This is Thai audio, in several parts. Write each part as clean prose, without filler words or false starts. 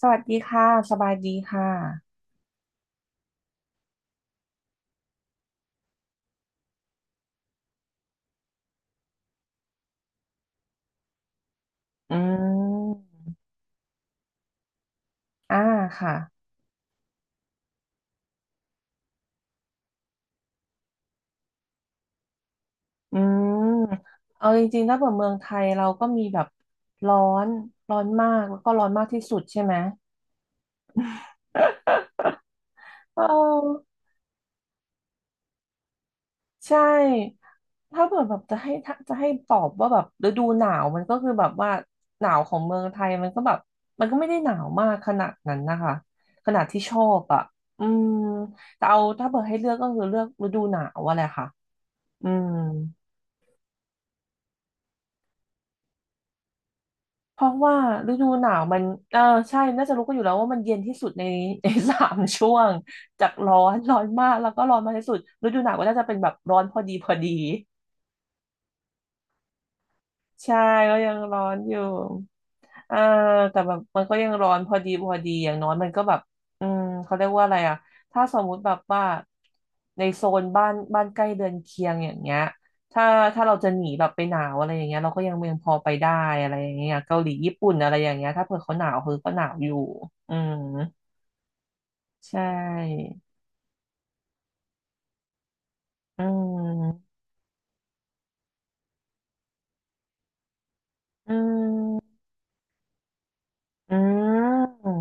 สวัสดีค่ะสบายดีค่ะอืมอ่าค่ะอืมเอาจริงๆถ้าเปิดเมืองไทยเราก็มีแบบร้อนร้อนมากแล้วก็ร้อนมากที่สุดใช่ไหม เออใช่ถ้าเปิดแบบจะให้ถ้าจะให้ตอบว่าแบบฤดูหนาวมันก็คือแบบว่าหนาวของเมืองไทยมันก็แบบมันก็ไม่ได้หนาวมากขนาดนั้นนะคะขนาดที่ชอบอ่ะอืมแต่เอาถ้าเปิดให้เลือกก็คือเลือกฤดูหนาวอะแหละค่ะอืม เพราะว่าฤดูหนาวมันเออใช่น่าจะรู้กันอยู่แล้วว่ามันเย็นที่สุดใน สามช่วงจากร้อนร้อนมากแล้วก็ร้อนมากที่สุดฤดูหนาวก็น่าจะเป็นแบบร้อนพอดีพอดี ใช่ก็ยังร้อนอยู่อ่าแต่แบบมันก็ยังร้อนพอดีพอดีอย่างน้อยมันก็แบบอืมเขาเรียกว่าอะไรอ่ะถ้าสมมุติแบบว่าในโซนบ้านบ้านใกล้เรือนเคียงอย่างเงี้ยถ้าถ้าเราจะหนีแบบไปหนาวอะไรอย่างเงี้ยเราก็ยังพอไปได้อะไรอย่างเงี้ยเกาหลีญี่ปุ่นอะไรอย่างเงี้ยถ้าเผื่อเขาหนาวคือก็หนาวอยู่อืมใช่อืมอืมอืม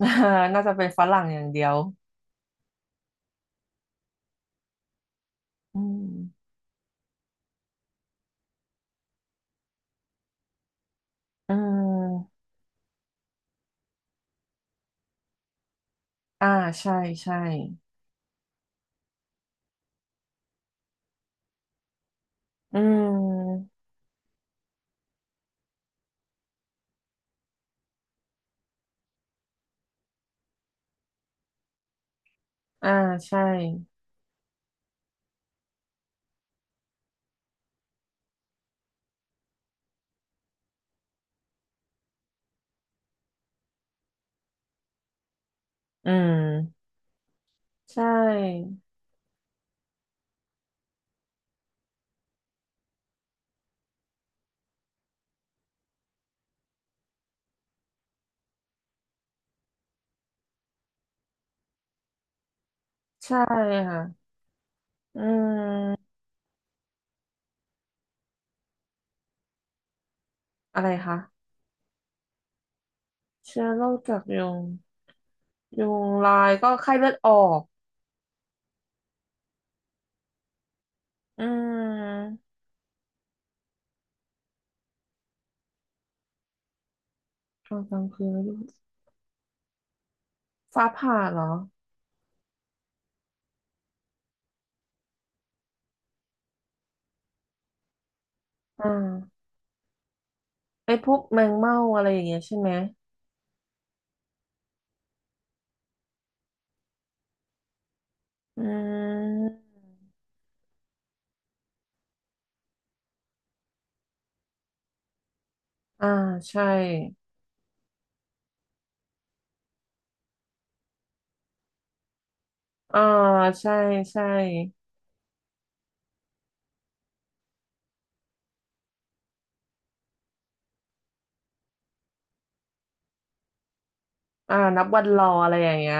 น่าจะเป็นฝรั่งอย่างเดียวอืมอืม อ่าใช่ใช่ อืม อ่าใช่ อืมใช่ใช่ค่ะอืมอะไรคะเชื้อโรคจากยุงยุงลายก็ไข้เลือดออก อืมตอนกลางคืนไม่รู้ฟ้าผ่าเหรออ่าไอ้พวกแมงเม่าอะไรอย่างเงี้ยใช่ไหมอืมอ่าใช่อ่าใช่ใช่อ่านับวันรออะไรอย่างเงี้ย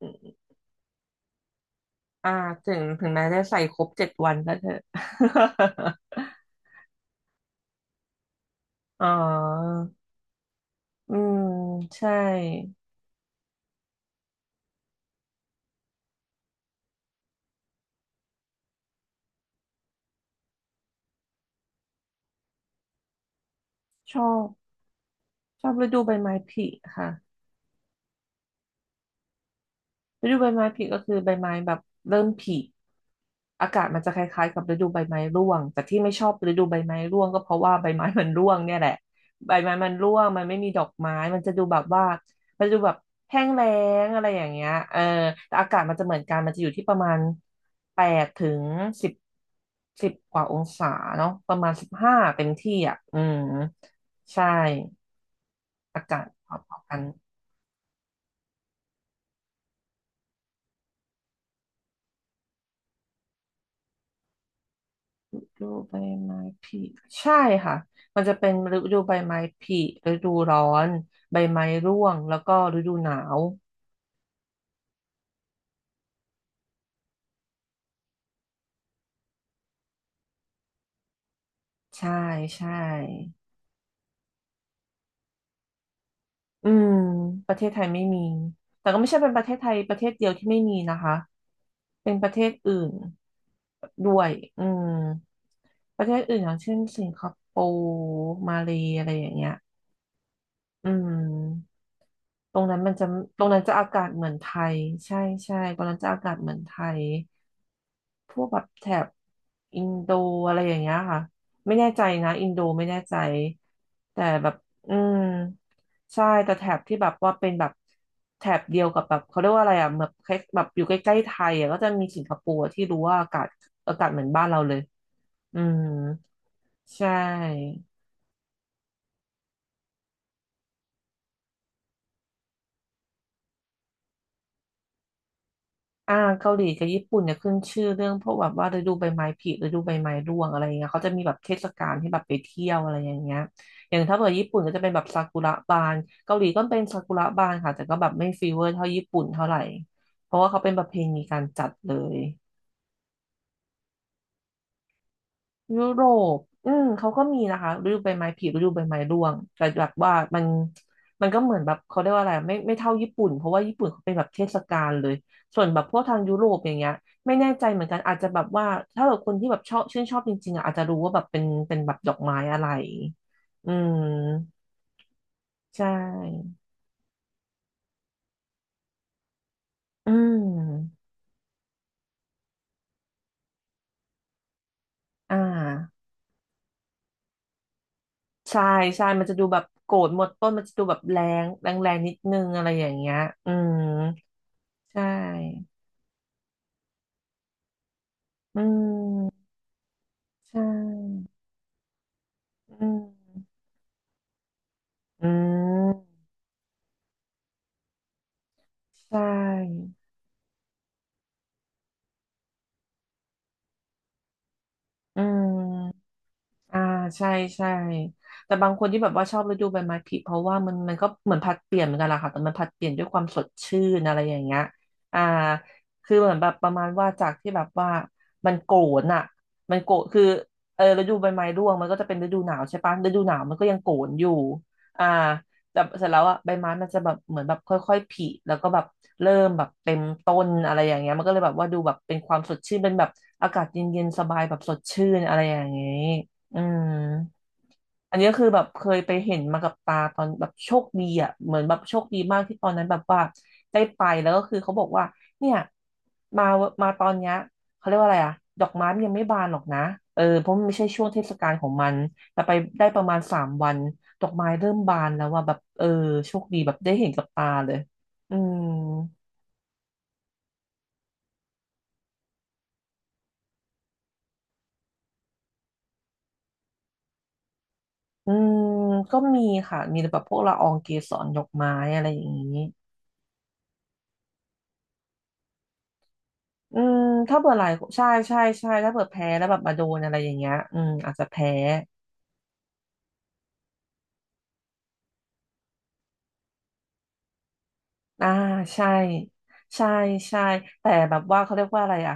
อ่าถึงแม้จะใส่ครบเจ็ดวันก็เถอะ อ๋ออืมใช่ชอบชอบฤดูใบไม้ผลิค่ะ ฤดูใบไม้ผลิก็คือใบไม้แบบเริ่มผลิอากาศมันจะคล้ายๆกับฤดูใบไม้ร่วงแต่ที่ไม่ชอบฤดูใบไม้ร่วงก็เพราะว่าใบไม้มันร่วงเนี่ยแหละใบไม้มันร่วงมันไม่มีดอกไม้มันจะดูแบบว่ามันจะดูแบบแห้งแล้งอะไรอย่างเงี้ยเออแต่อากาศมันจะเหมือนกันมันจะอยู่ที่ประมาณแปดถึงสิบสิบกว่าองศาเนาะประมาณสิบห้าเต็มที่อ่ะอืมใช่อากาศพอๆกัน ฤดูใบไม้ผลิใช่ค่ะมันจะเป็นฤดูใบไม้ผลิฤดูร้อนใบไม้ร่วงแล้วก็ฤดูหนาวใช่ใช่ อืมประเทศไทยไม่มีแต่ก็ไม่ใช่เป็นประเทศไทยประเทศเดียวที่ไม่มีนะคะเป็นประเทศอื่นด้วยอืมประเทศอื่นอย่างเช่นสิงคโปร์มาเลย์อะไรอย่างเงี้ยอืมตรงนั้นมันจะตรงนั้นจะอากาศเหมือนไทยใช่ใช่ตรงนั้นจะอากาศเหมือนไทย พวกแบบแถบอินโดอะไรอย่างเงี้ยค่ะไม่แน่ใจนะอินโดไม่แน่ใจแต่แบบอืมใช่แต่แถบที่แบบว่าเป็นแบบแถบเดียวกับแบบเขาเรียกว่าอะไรอ่ะแบบคล้ายแบบอยู่ใกล้ๆไทยอ่ะก็จะมีสิงคโปร์ที่รู้ว่าอากาศอากาศเหมือนบ้านเราเลยอืมใช่ อ่าเกาหลีกับญี่ปุ่นเนี่ยขึ้นชื่อเรื่องพวกแบบว่าฤดูใบไม้ผลิฤดูใบไม้ร่วงอะไรอย่างเงี้ยเขาจะมีแบบเทศกาลที่แบบไปเที่ยวอะไรอย่างเงี้ยอย่างถ้าเกิดญี่ปุ่นก็จะเป็นแบบซากุระบานเกาหลีก็เป็นซากุระบานค่ะแต่ก็แบบไม่ฟีเวอร์เท่าญี่ปุ่นเท่าไหร่เพราะว่าเขาเป็นประเพณีการจัดเลย ยุโรปอืมเขาก็มีนะคะฤดูใบไม้ผลิฤดูใบไม้ร่วง แต่แบบว่ามันก็เหมือนแบบเขาเรียกว่าอะไรไม่เท่าญี่ปุ่นเพราะว่าญี่ปุ่นเขาเป็นแบบเทศกาลเลยส่วนแบบพวกทางยุโรปอย่างเงี้ย ไม่แน่ใจเหมือนกันอาจจะแบบว่าถ้าแบบคนที่แบบชอบชื่นชอบจริงๆอ่ะอาจจะรู้ว่าแบบเป็นแบบดอกไม้อะไรอืมใช่อืมอ่าใช่ใช่มันจะดูแบบโกรธหมดต้นมันจะดูแบบแรงแรงแรงนิดนึงอะไรอย่างเงี้ยอืมใช่อืม ใช่อืมอืมใช่อืม อ่าใช่ใช่แต่บางคนที่แบบว่าชอบฤดูใบไม้ผลิเพราะว่ามันก็เหมือนผลัดเปลี่ยนเหมือนกันแหละค่ะแต่มันผลัดเปลี่ยนด้วยความสดชื่นอะไรอย่างเงี้ยอ่าคือเหมือนแบบประมาณว่าจากที่แบบว่ามันโกรนอ่ะมันโกรนคือเออฤดูใบไม้ร่วงมันก็จะเป็นฤดูหนาวใช่ปะฤดูหนาวมันก็ยังโกรนอยู่อ่าแต่เสร็จแล้วอ่ะใบไม้มันจะแบบเหมือนแบบค่อยๆผลิแล้วก็แบบเริ่มแบบเต็มต้นอะไรอย่างเงี้ยมันก็เลยแบบว่าดูแบบเป็นความสดชื่นเป็นแบบอากาศเย็นๆสบายแบบสดชื่นอะไรอย่างเงี้ย อืมอันนี้ก็คือแบบเคยไปเห็นมากับตาตอนแบบโชคดีอ่ะเหมือนแบบโชคดีมากที่ตอนนั้นแบบว่าได้ไปแล้วก็คือเขาบอกว่าเนี่ยมามาตอนเนี้ยเขาเรียกว่าอะไรอ่ะดอกไม้มันยังไม่บานหรอกนะเออเพราะมันไม่ใช่ช่วงเทศกาลของมันแต่ไปได้ประมาณ3 วันดอกไม้เริ่มบานแล้วว่าแบบเออโชคดีแบบได้เห็นกับตาเลยอืมอืมก็มีค่ะมีแบบพวกละอองเกสรดอกไม้อะไรอย่างนี้ อืมถ้าเผื่อหลายใช่ใช่ใช่ถ้าเผื่อแพ้แล้วแบบมาโดนอะไรอย่างเงี้ยอืมอาจจะแพ้ อ่าใช่ใช่ใช่แต่แบบว่าเขาเรียกว่าอะไรอ่ะ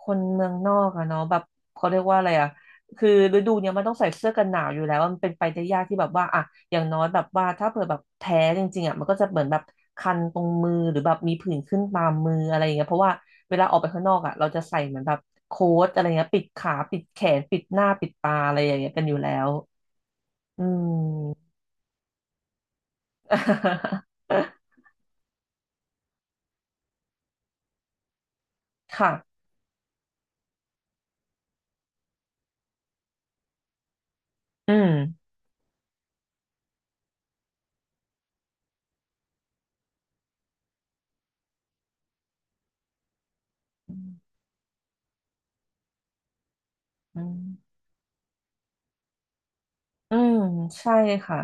คนเมืองนอกอะเนาะแบบเขาเรียกว่าอะไรอ่ะคือฤดูเนี้ยมันต้องใส่เสื้อกันหนาวอยู่แล้วมันเป็นไปได้ยากที่แบบว่าอ่ะอย่างน้อยแบบว่าถ้าเผื่อแบบแพ้จริงๆอ่ะมันก็จะเหมือนแบบคันตรงมือหรือแบบมีผื่นขึ้นตามมืออะไรอย่างเงี้ยเพราะว่าเวลาออกไปข้างนอกอ่ะเราจะใส่เหมือนแบบโค้ทอะไรเงี้ยปิดขาปิดแขนปิดหน้าปิดตาอะไรอย่างเงี้ยกันอยู่แล้วอืม ค่ะอืมอืม อืมใช่ค่ะ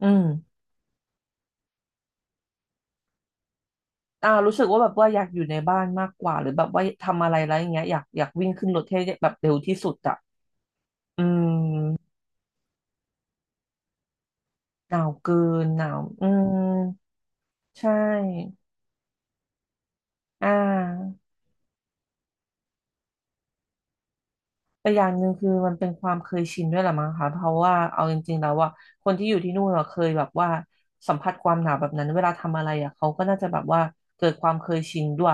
อืมรู้สึกว่าแบบว่าอยากอยู่ในบ้านมากกว่าหรือแบบว่าทำอะไรแล้วอย่างเงี้ยอยากวิ่งขึ้นรถให้แบบเร็วที่สุดอะอืมหนาวเกินหนาวอืมใช่อ่า แต่อย่างหนึ่งคือมันเป็นความเคยชินด้วยแหละมั้งคะเพราะว่าเอาจริงๆแล้วว่าคนที่อยู่ที่นู่นเราเคยแบบว่าสัมผัสความหนาวแบบนั้นเวลาทำอะไรอ่ะเขาก็น่าจะแบบว่าเกิดความเคยชินด้วย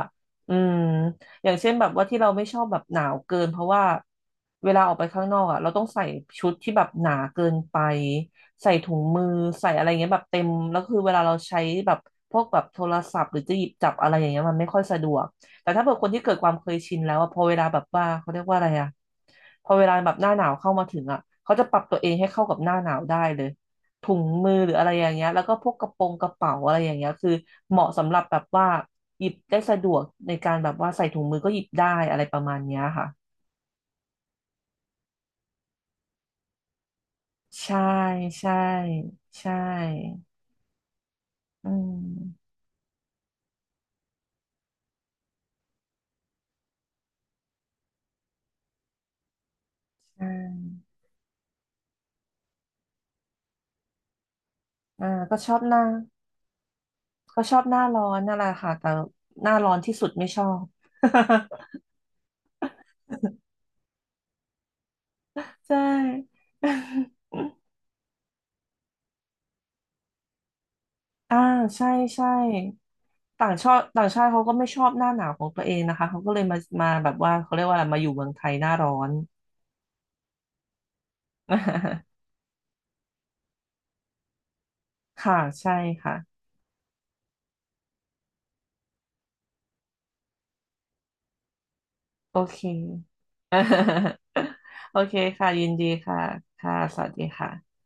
อืมอย่างเช่นแบบว่าที่เราไม่ชอบแบบหนาวเกินเพราะว่าเวลาออกไปข้างนอกอ่ะเราต้องใส่ชุดที่แบบหนาเกินไปใส่ถุงมือใส่อะไรเงี้ยแบบเต็มแล้วคือเวลาเราใช้แบบพวกแบบโทรศัพท์หรือจะหยิบจับอะไรอย่างเงี้ยมันไม่ค่อยสะดวก แต่ถ้าเกิดคนที่เกิดความเคยชินแล้วอะพอเวลาแบบว่าเขาเรียกว่าอะไรอะพอเวลาแบบหน้าหนาวเข้ามาถึงอะเขาจะปรับตัวเองให้เข้ากับหน้าหนาวได้เลยถุงมือหรืออะไรอย่างเงี้ยแล้วก็พวกกระโปรงกระเป๋าอะไรอย่างเงี้ยคือเหมาะสำหรับแบบว่าหยิบได้สะดวกในการแบบว่าใส่ถุงมือก็หยิบได้อะไรประมาณเนี้ยค่ะใช่ใช่ใช่อืมใช่อ่าก็ชอบหน้าก็ชอบหน้าร้อนนั่นแหละค่ะแต่หน้าร้อนที่สุดไม่ชอบ ใช่ อ่า ใช่ ใช่ ต่างชาติต่างชาติเขาก็ไม่ชอบหน้าหนาวของตัวเองนะคะ เขาก็เลยมาแบบว่าเขาเรียกว่าอะไรมาอยู่เมืองไทยหน้าร้อน ค่ะ ใช่ค่ะ โอเค โอเคค่ะ ยินดีค่ะ ค่ะ สวัสดีค่ะ